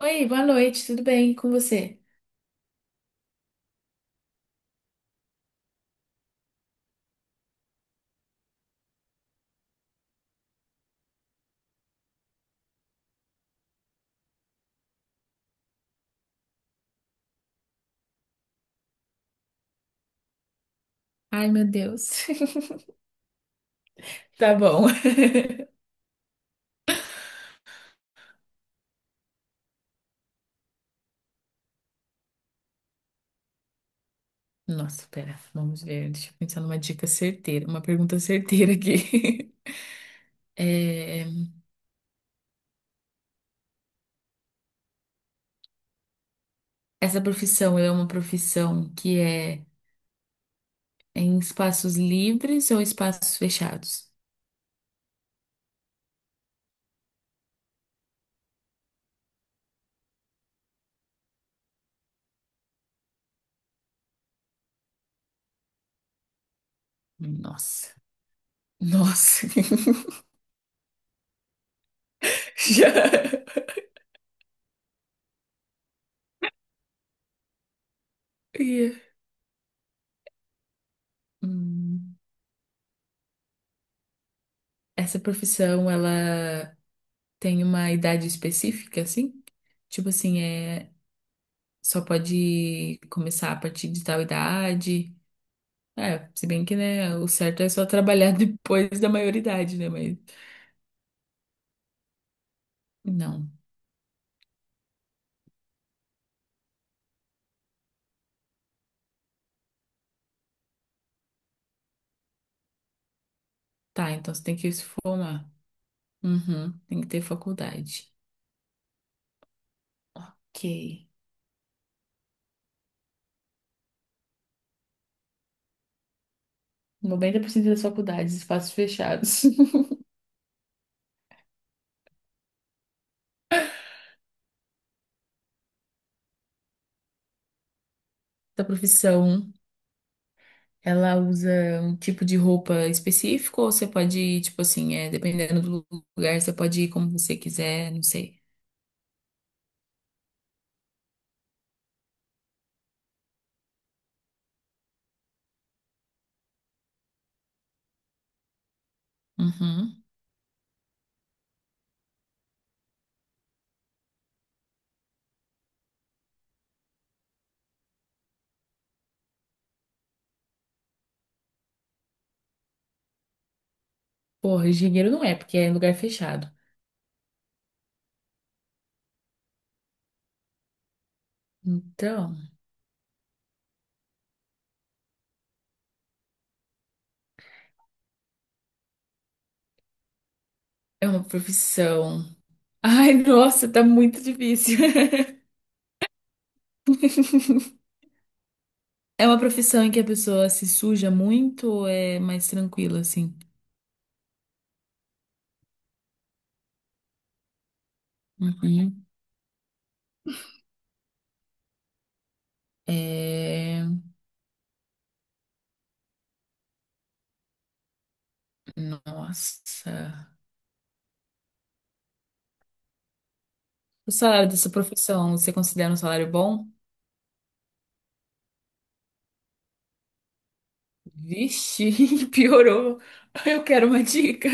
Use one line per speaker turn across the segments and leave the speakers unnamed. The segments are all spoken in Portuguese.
Oi, boa noite, tudo bem? E com você? Ai, meu Deus. Tá bom. Nossa, pera, vamos ver. Deixa eu pensar numa dica certeira, uma pergunta certeira aqui. É, essa profissão é uma profissão que é em espaços livres ou espaços fechados? Nossa, nossa. Já. Ia. Hum, Essa profissão, ela tem uma idade específica, assim? Tipo assim, só pode começar a partir de tal idade. É, se bem que, né, o certo é só trabalhar depois da maioridade, né? Mas não. Tá, então você tem que se formar. Uhum, tem que ter faculdade. Ok. 90% das faculdades, espaços fechados. Da profissão, ela usa um tipo de roupa específico ou você pode ir, tipo assim, dependendo do lugar, você pode ir como você quiser, não sei. Uhum. Porra, engenheiro não é, porque é em lugar fechado. Então, é uma profissão. Ai, nossa, tá muito difícil. É uma profissão em que a pessoa se suja muito ou é mais tranquila, assim? Uhum. É... Nossa. O salário dessa profissão, você considera um salário bom? Vixe, piorou. Eu quero uma dica.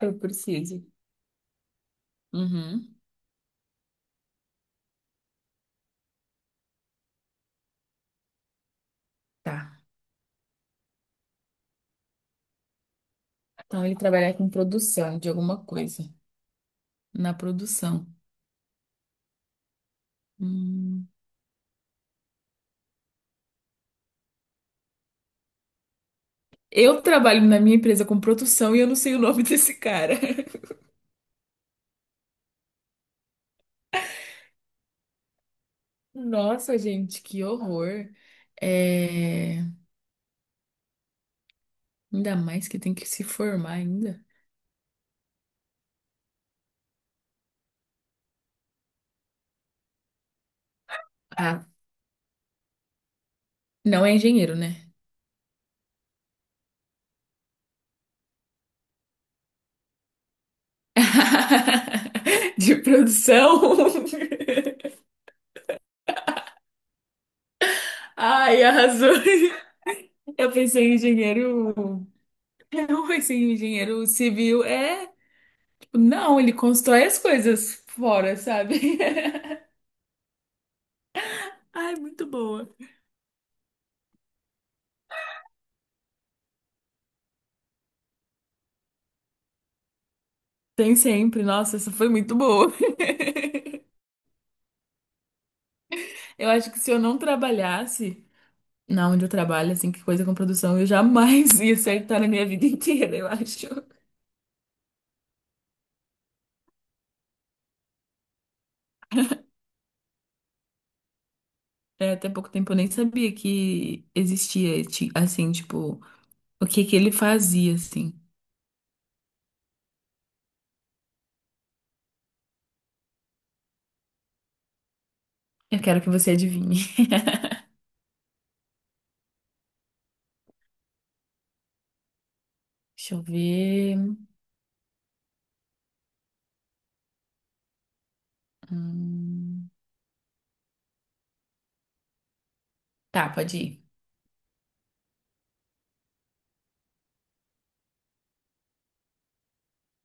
Eu preciso. Uhum. Tá. Então ele trabalha com produção de alguma coisa. Na produção. Hum. Eu trabalho na minha empresa com produção e eu não sei o nome desse cara. Nossa, gente, que horror. É... Ainda mais que tem que se formar ainda. Ah, não é engenheiro, né? De produção. Ai, arrasou. Eu pensei em engenheiro. Eu pensei em engenheiro civil. É, tipo, não, ele constrói as coisas fora, sabe? Ai, muito boa. Tem sempre. Nossa, essa foi muito boa. Eu acho que se eu não trabalhasse na onde eu trabalho, assim, que coisa com produção, eu jamais ia acertar na minha vida inteira, eu acho. É, até pouco tempo eu nem sabia que existia, ti- assim, tipo, o que que ele fazia, assim. Eu quero que você adivinhe. Deixa eu ver. Hum, Tá, pode ir.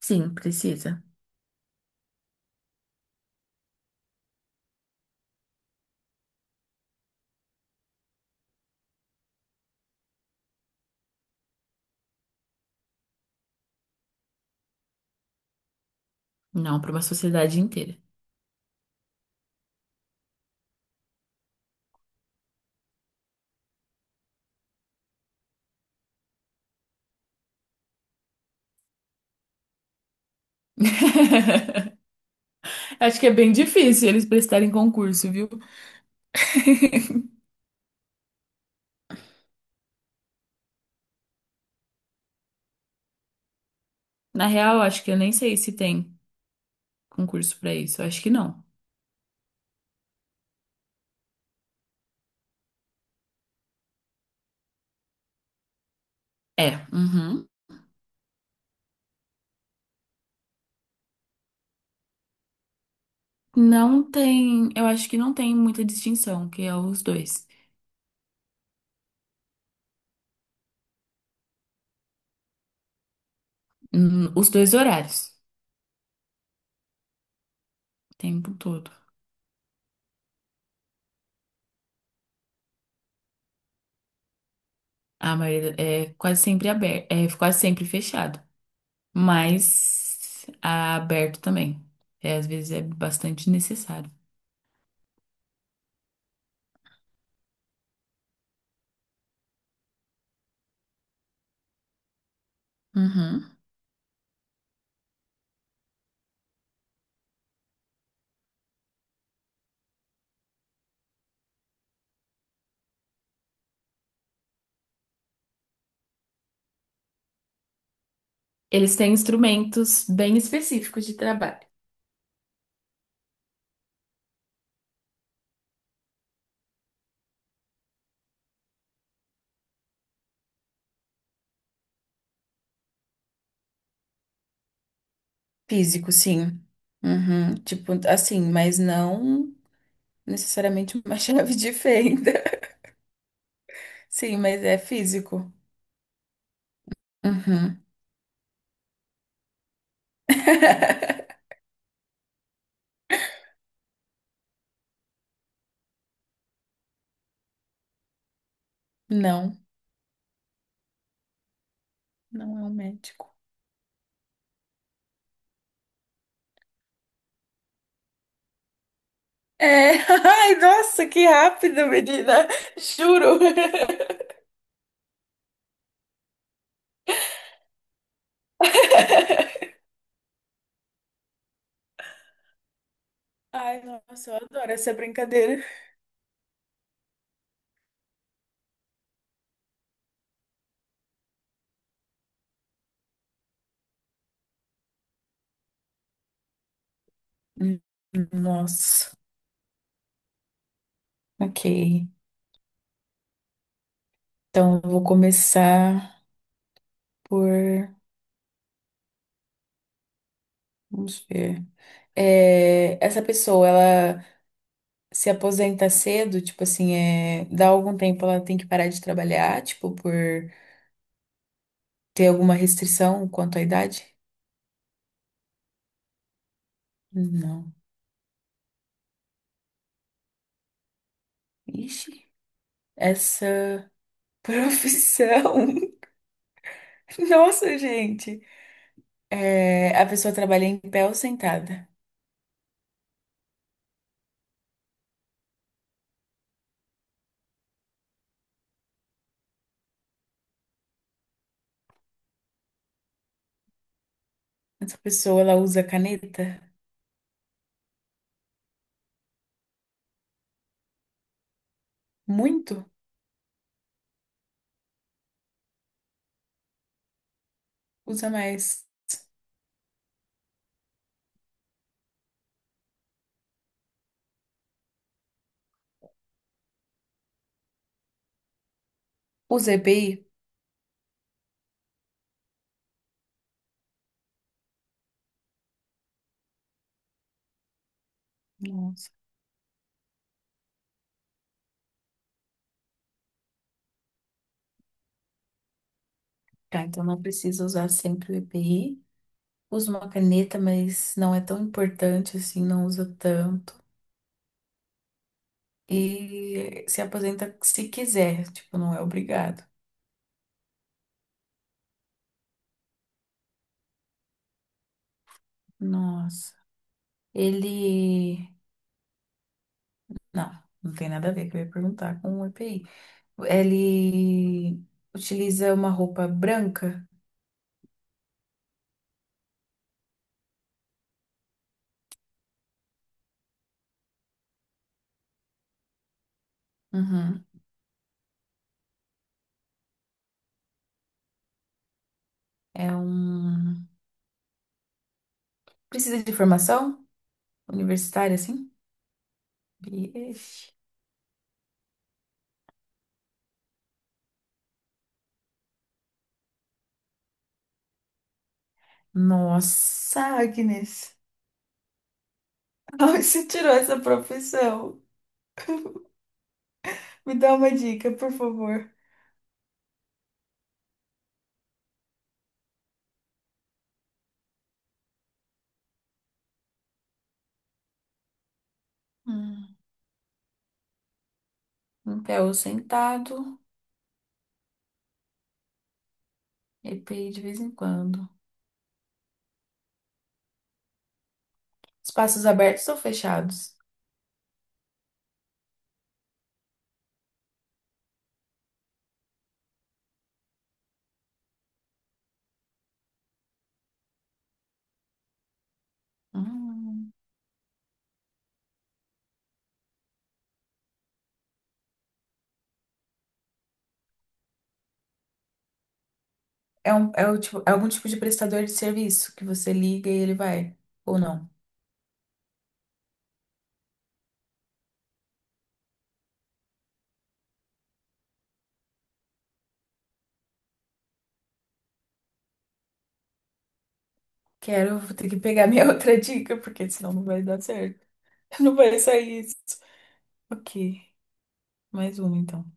Sim, precisa. Não, para uma sociedade inteira. Acho que é bem difícil eles prestarem concurso, viu? Na real, acho que eu nem sei se tem concurso para isso. Acho que não. É, uhum. Não tem, eu acho que não tem muita distinção, que é os dois. Os dois horários, o tempo todo. A maioria é quase sempre aberto, é quase sempre fechado, mas aberto também. É, às vezes é bastante necessário. Uhum. Eles têm instrumentos bem específicos de trabalho. Físico, sim. Uhum. Tipo, assim, mas não necessariamente uma chave de fenda. Sim, mas é físico. Uhum. Não. Não é um médico. É, ai, nossa, que rápido, menina. Juro. Ai, nossa, eu adoro essa brincadeira. Hum, Nossa, ok. Então, eu vou começar por. Vamos ver. Essa pessoa, ela se aposenta cedo, tipo assim, dá algum tempo ela tem que parar de trabalhar, tipo, por ter alguma restrição quanto à idade? Não. Ixi, essa profissão. Nossa, gente. É, a pessoa trabalha em pé ou sentada? Essa pessoa, ela usa caneta? Muito? Usa mais. Usa EPI? Nossa. Tá, então não precisa usar sempre o EPI. Usa uma caneta, mas não é tão importante assim, não usa tanto. E se aposenta se quiser, tipo, não é obrigado. Nossa. Ele. Não, não tem nada a ver que eu ia perguntar com o EPI. Ele utiliza uma roupa branca? Uhum. É um. Precisa de formação universitária, assim? Vixe. Nossa, Agnes. Onde você tirou essa profissão? Me dá uma dica, por favor. Hum. Um pé ou sentado, EPI de vez em quando. Espaços abertos ou fechados? Hum. O tipo, é algum tipo de prestador de serviço que você liga e ele vai, ou não? Quero, vou ter que pegar minha outra dica, porque senão não vai dar certo. Não vai sair isso. Ok. Mais uma, então.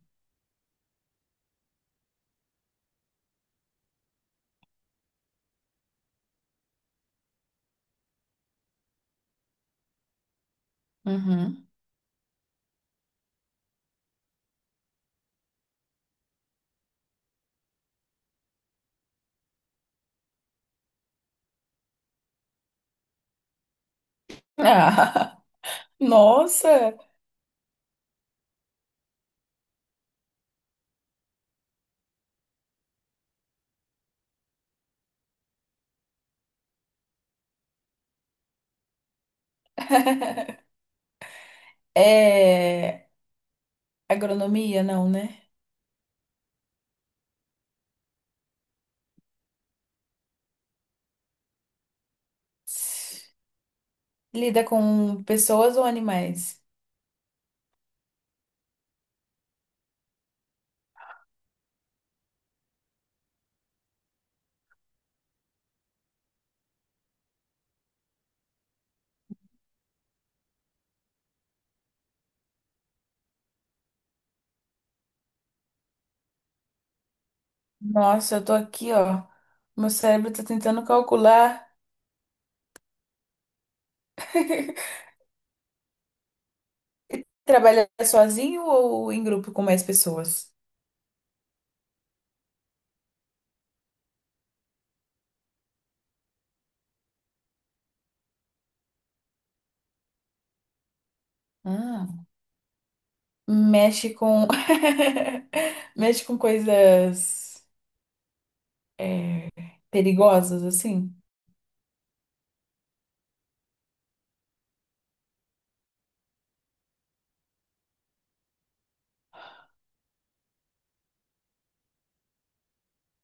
Uhum. Ah, nossa! É... Agronomia, não, né? Lida com pessoas ou animais? Nossa, eu tô aqui, ó. Meu cérebro tá tentando calcular. Trabalha sozinho ou em grupo com mais pessoas? Hum. Mexe com. Mexe com coisas é, perigosas, assim?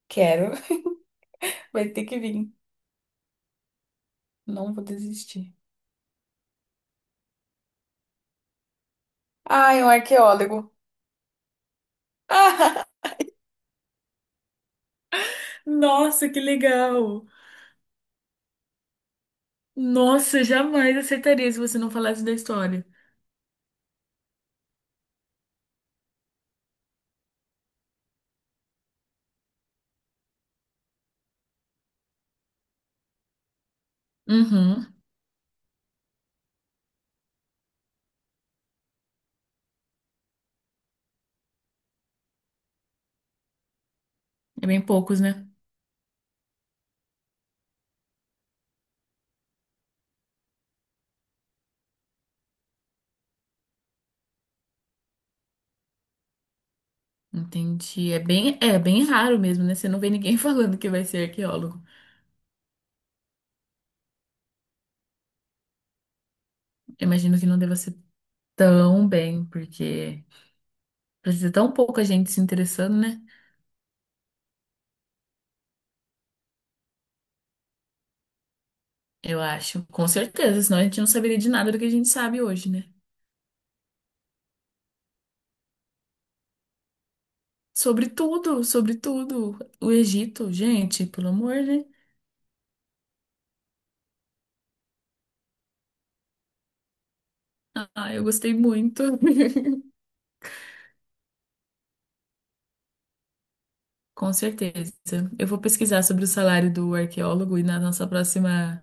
Quero. Vai ter que vir. Não vou desistir. Ai, um arqueólogo. Nossa, que legal! Nossa, jamais acertaria se você não falasse da história. Uhum. É bem poucos, né? Entendi. É bem raro mesmo, né? Você não vê ninguém falando que vai ser arqueólogo. Eu imagino que não deva ser tão bem, porque precisa tão pouca gente se interessando, né? Eu acho. Com certeza, senão a gente não saberia de nada do que a gente sabe hoje, né? Sobre tudo, sobre tudo. O Egito, gente, pelo amor, né? Ah, eu gostei muito. Com certeza. Eu vou pesquisar sobre o salário do arqueólogo e na nossa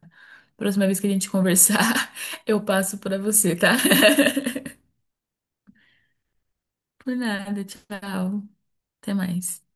próxima vez que a gente conversar, eu passo para você, tá? Por nada, tchau. Até mais.